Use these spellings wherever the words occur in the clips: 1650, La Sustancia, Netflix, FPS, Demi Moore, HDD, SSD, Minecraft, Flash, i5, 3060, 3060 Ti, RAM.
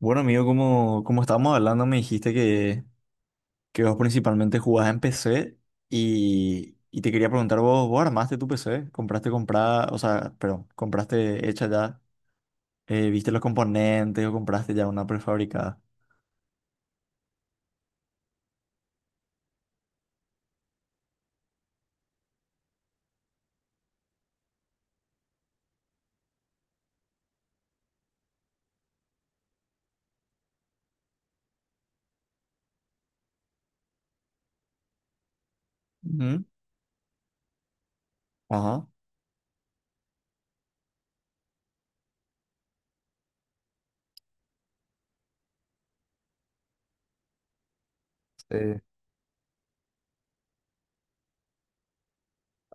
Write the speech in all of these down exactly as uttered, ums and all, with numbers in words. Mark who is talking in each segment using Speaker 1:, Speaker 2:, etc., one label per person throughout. Speaker 1: Bueno, amigo, como, como estábamos hablando, me dijiste que, que vos principalmente jugás en P C y, y te quería preguntar, ¿vos, vos armaste tu P C? ¿Compraste comprada, o sea, perdón, compraste hecha ya? Eh, ¿viste los componentes o compraste ya una prefabricada? Ujú. Ajá. Sí.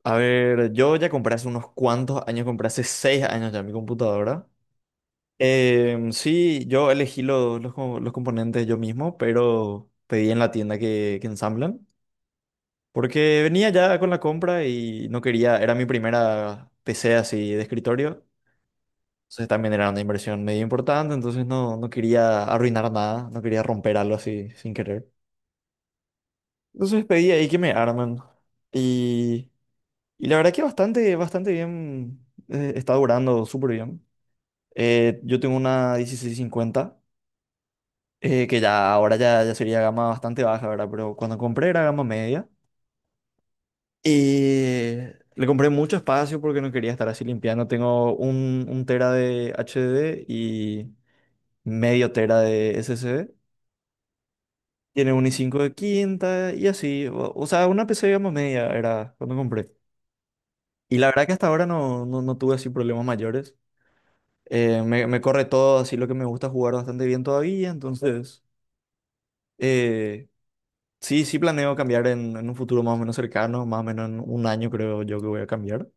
Speaker 1: A ver, yo ya compré hace unos cuantos años, compré hace seis años ya mi computadora. Em, sí, yo elegí los, los, co- los componentes yo mismo, pero pedí en la tienda que, que ensamblan. Porque venía ya con la compra y no quería, era mi primera P C así de escritorio, entonces también era una inversión medio importante, entonces no, no quería arruinar nada, no quería romper algo así sin querer. Entonces pedí ahí que me arman y, y la verdad que bastante, bastante bien, eh, está durando súper bien. Eh, yo tengo una dieciséis cincuenta, eh, que ya ahora ya, ya sería gama bastante baja, ¿verdad? Pero cuando compré era gama media. Y le compré mucho espacio porque no quería estar así limpiando. Tengo un, un tera de H D D y medio tera de S S D. Tiene un i cinco de quinta y así. O, o sea, una P C, digamos, media era cuando compré. Y la verdad que hasta ahora no, no, no tuve así problemas mayores. Eh, me, me corre todo, así lo que me gusta jugar bastante bien todavía. Entonces, eh, sí, sí planeo cambiar en, en un futuro más o menos cercano, más o menos en un año creo yo que voy a cambiar.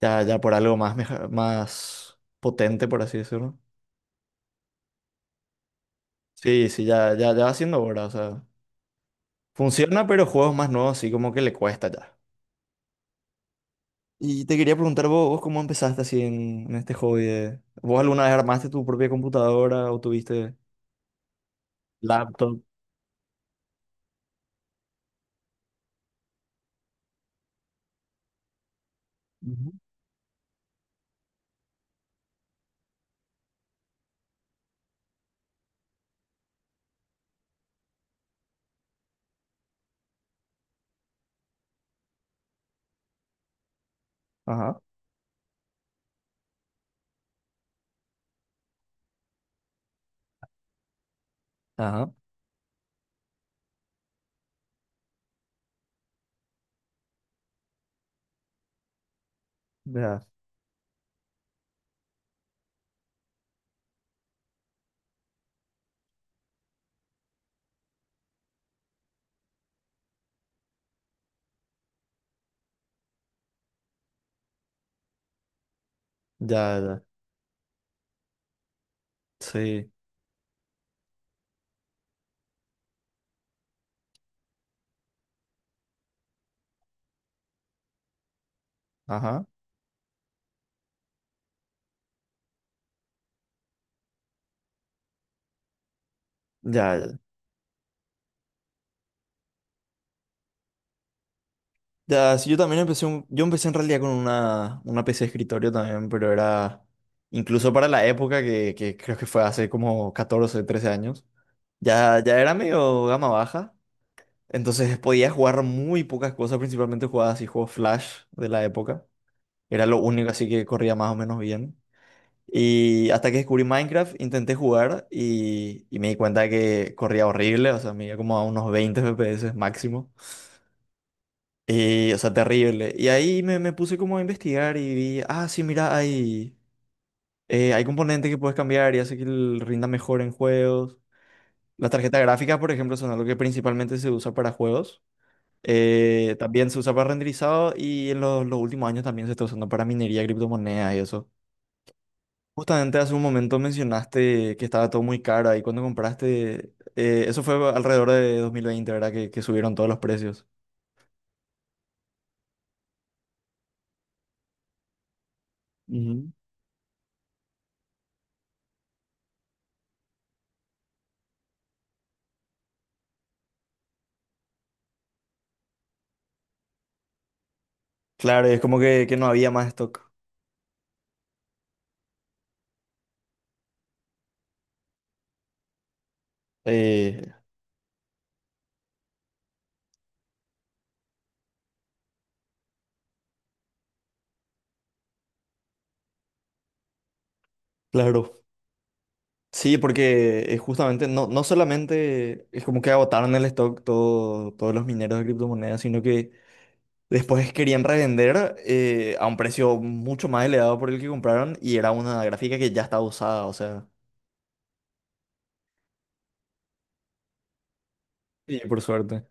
Speaker 1: Ya, ya por algo más, meja- más potente, por así decirlo. Sí, sí, ya, ya, ya va siendo hora, o sea. Funciona, pero juegos más nuevos sí como que le cuesta ya. Y te quería preguntar vos, vos cómo empezaste así en, en este hobby de- ¿Vos alguna vez armaste tu propia computadora o tuviste laptop? Ujú. Ajá, ajá, ya, ya, ya, sí, ajá, ya, ya. Ya, sí, yo también empecé un- yo empecé en realidad con una, una P C de escritorio también, pero era incluso para la época que, que creo que fue hace como catorce trece años, ya, ya era medio gama baja, entonces podía jugar muy pocas cosas, principalmente jugaba así juegos Flash de la época, era lo único así que corría más o menos bien. Y hasta que descubrí Minecraft, intenté jugar y, y me di cuenta de que corría horrible, o sea, me iba como a unos veinte F P S máximo. Y, o sea, terrible. Y ahí me, me puse como a investigar y vi, ah, sí, mira, hay, eh, hay componentes que puedes cambiar y hace que el rinda mejor en juegos. Las tarjetas gráficas, por ejemplo, son algo que principalmente se usa para juegos. Eh, también se usa para renderizado y en los, los últimos años también se está usando para minería, criptomonedas y eso. Justamente hace un momento mencionaste que estaba todo muy caro ahí cuando compraste. eh, eso fue alrededor de dos mil veinte, ¿verdad? Que, que subieron todos los precios. Ujú. Claro, es como que, que no había más stock. Eh, claro. Sí, porque eh, justamente no, no solamente es como que agotaron el stock todo- todos los mineros de criptomonedas, sino que después querían revender eh, a un precio mucho más elevado por el que compraron y era una gráfica que ya estaba usada, o sea. Sí, por suerte.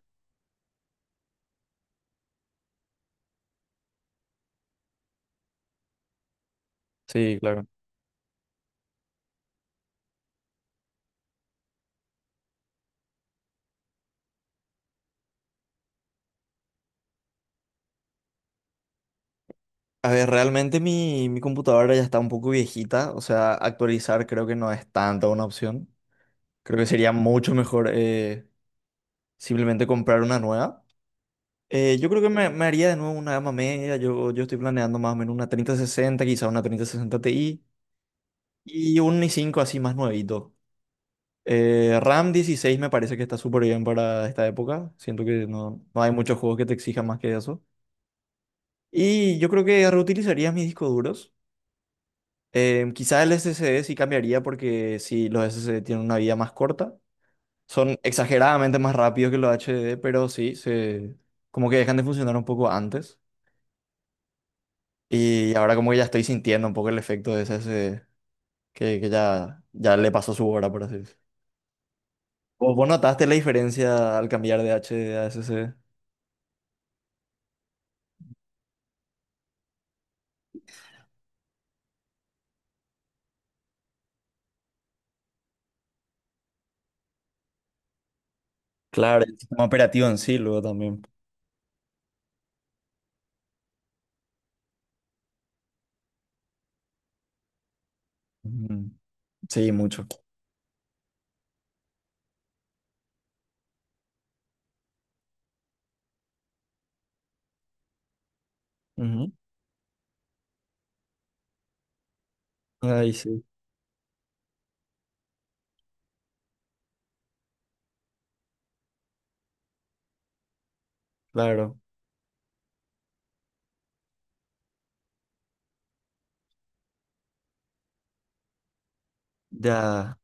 Speaker 1: Sí, claro. A ver, realmente mi, mi computadora ya está un poco viejita, o sea, actualizar creo que no es tanta una opción. Creo que sería mucho mejor eh, simplemente comprar una nueva. Eh, yo creo que me, me haría de nuevo una gama media. Yo, yo estoy planeando más o menos una treinta sesenta quizá una treinta sesenta Ti y un i cinco así más nuevito. Eh, RAM dieciséis me parece que está súper bien para esta época. Siento que no, no hay muchos juegos que te exijan más que eso. Y yo creo que reutilizaría mis discos duros. Eh, quizá el S S D sí cambiaría porque sí, los S S D tienen una vida más corta. Son exageradamente más rápidos que los H D D, pero sí, se, como que dejan de funcionar un poco antes. Y ahora como que ya estoy sintiendo un poco el efecto de ese, ese- que, que ya, ya le pasó su hora, por así decirlo. ¿Vos, vos notaste la diferencia al cambiar de H D a S SSD? Claro, el sistema operativo en sí, luego también. Ujú. Sí, mucho. Ujú. Ay, sí, claro. Ya.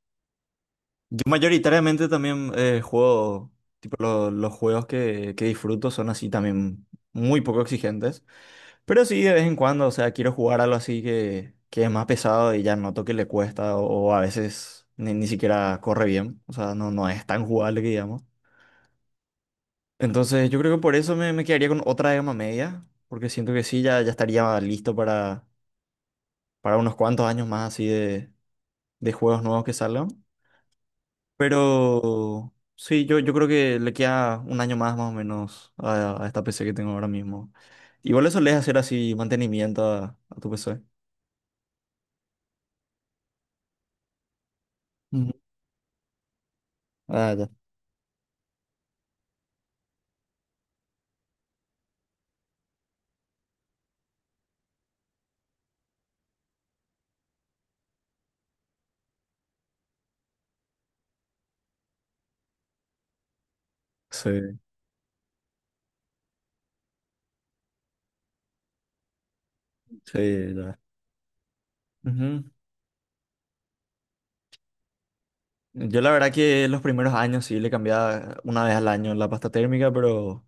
Speaker 1: Yo mayoritariamente también eh, juego, tipo lo- los juegos que, que disfruto son así también muy poco exigentes. Pero sí, de vez en cuando, o sea, quiero jugar algo así que, que es más pesado y ya noto que le cuesta o, o a veces ni, ni siquiera corre bien, o sea, no, no es tan jugable que digamos. Entonces yo creo que por eso me, me quedaría con otra gama media, porque siento que sí, ya, ya estaría listo para, para unos cuantos años más así de, de juegos nuevos que salgan. Pero sí, yo, yo creo que le queda un año más más o menos a, a esta P C que tengo ahora mismo. Igual eso le hacer así mantenimiento a, a tu P C. Ujú. Ah, ya. Sí, sí, ya. Ujú. Yo la verdad que los primeros años sí le cambiaba una vez al año la pasta térmica, pero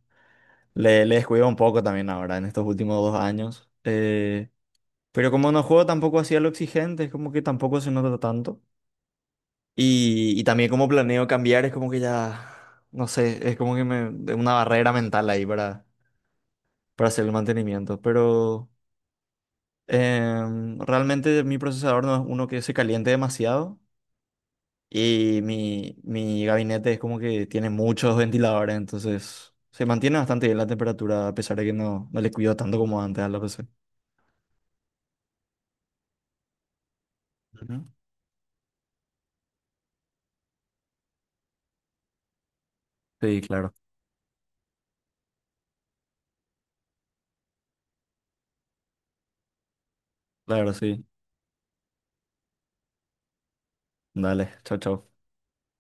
Speaker 1: le, le descuido un poco también ahora, en estos últimos dos años. Eh, pero como no juego tampoco hacía lo exigente, es como que tampoco se nota tanto. Y, y también como planeo cambiar, es como que ya, no sé, es como que me, de una barrera mental ahí para, para hacer el mantenimiento. Pero em, realmente mi procesador no es uno que se caliente demasiado. Y mi, mi gabinete es como que tiene muchos ventiladores, entonces se mantiene bastante bien la temperatura, a pesar de que no, no le cuido tanto como antes a la P C. Ujú. Sí, claro. Claro, sí. Dale, chao, chao.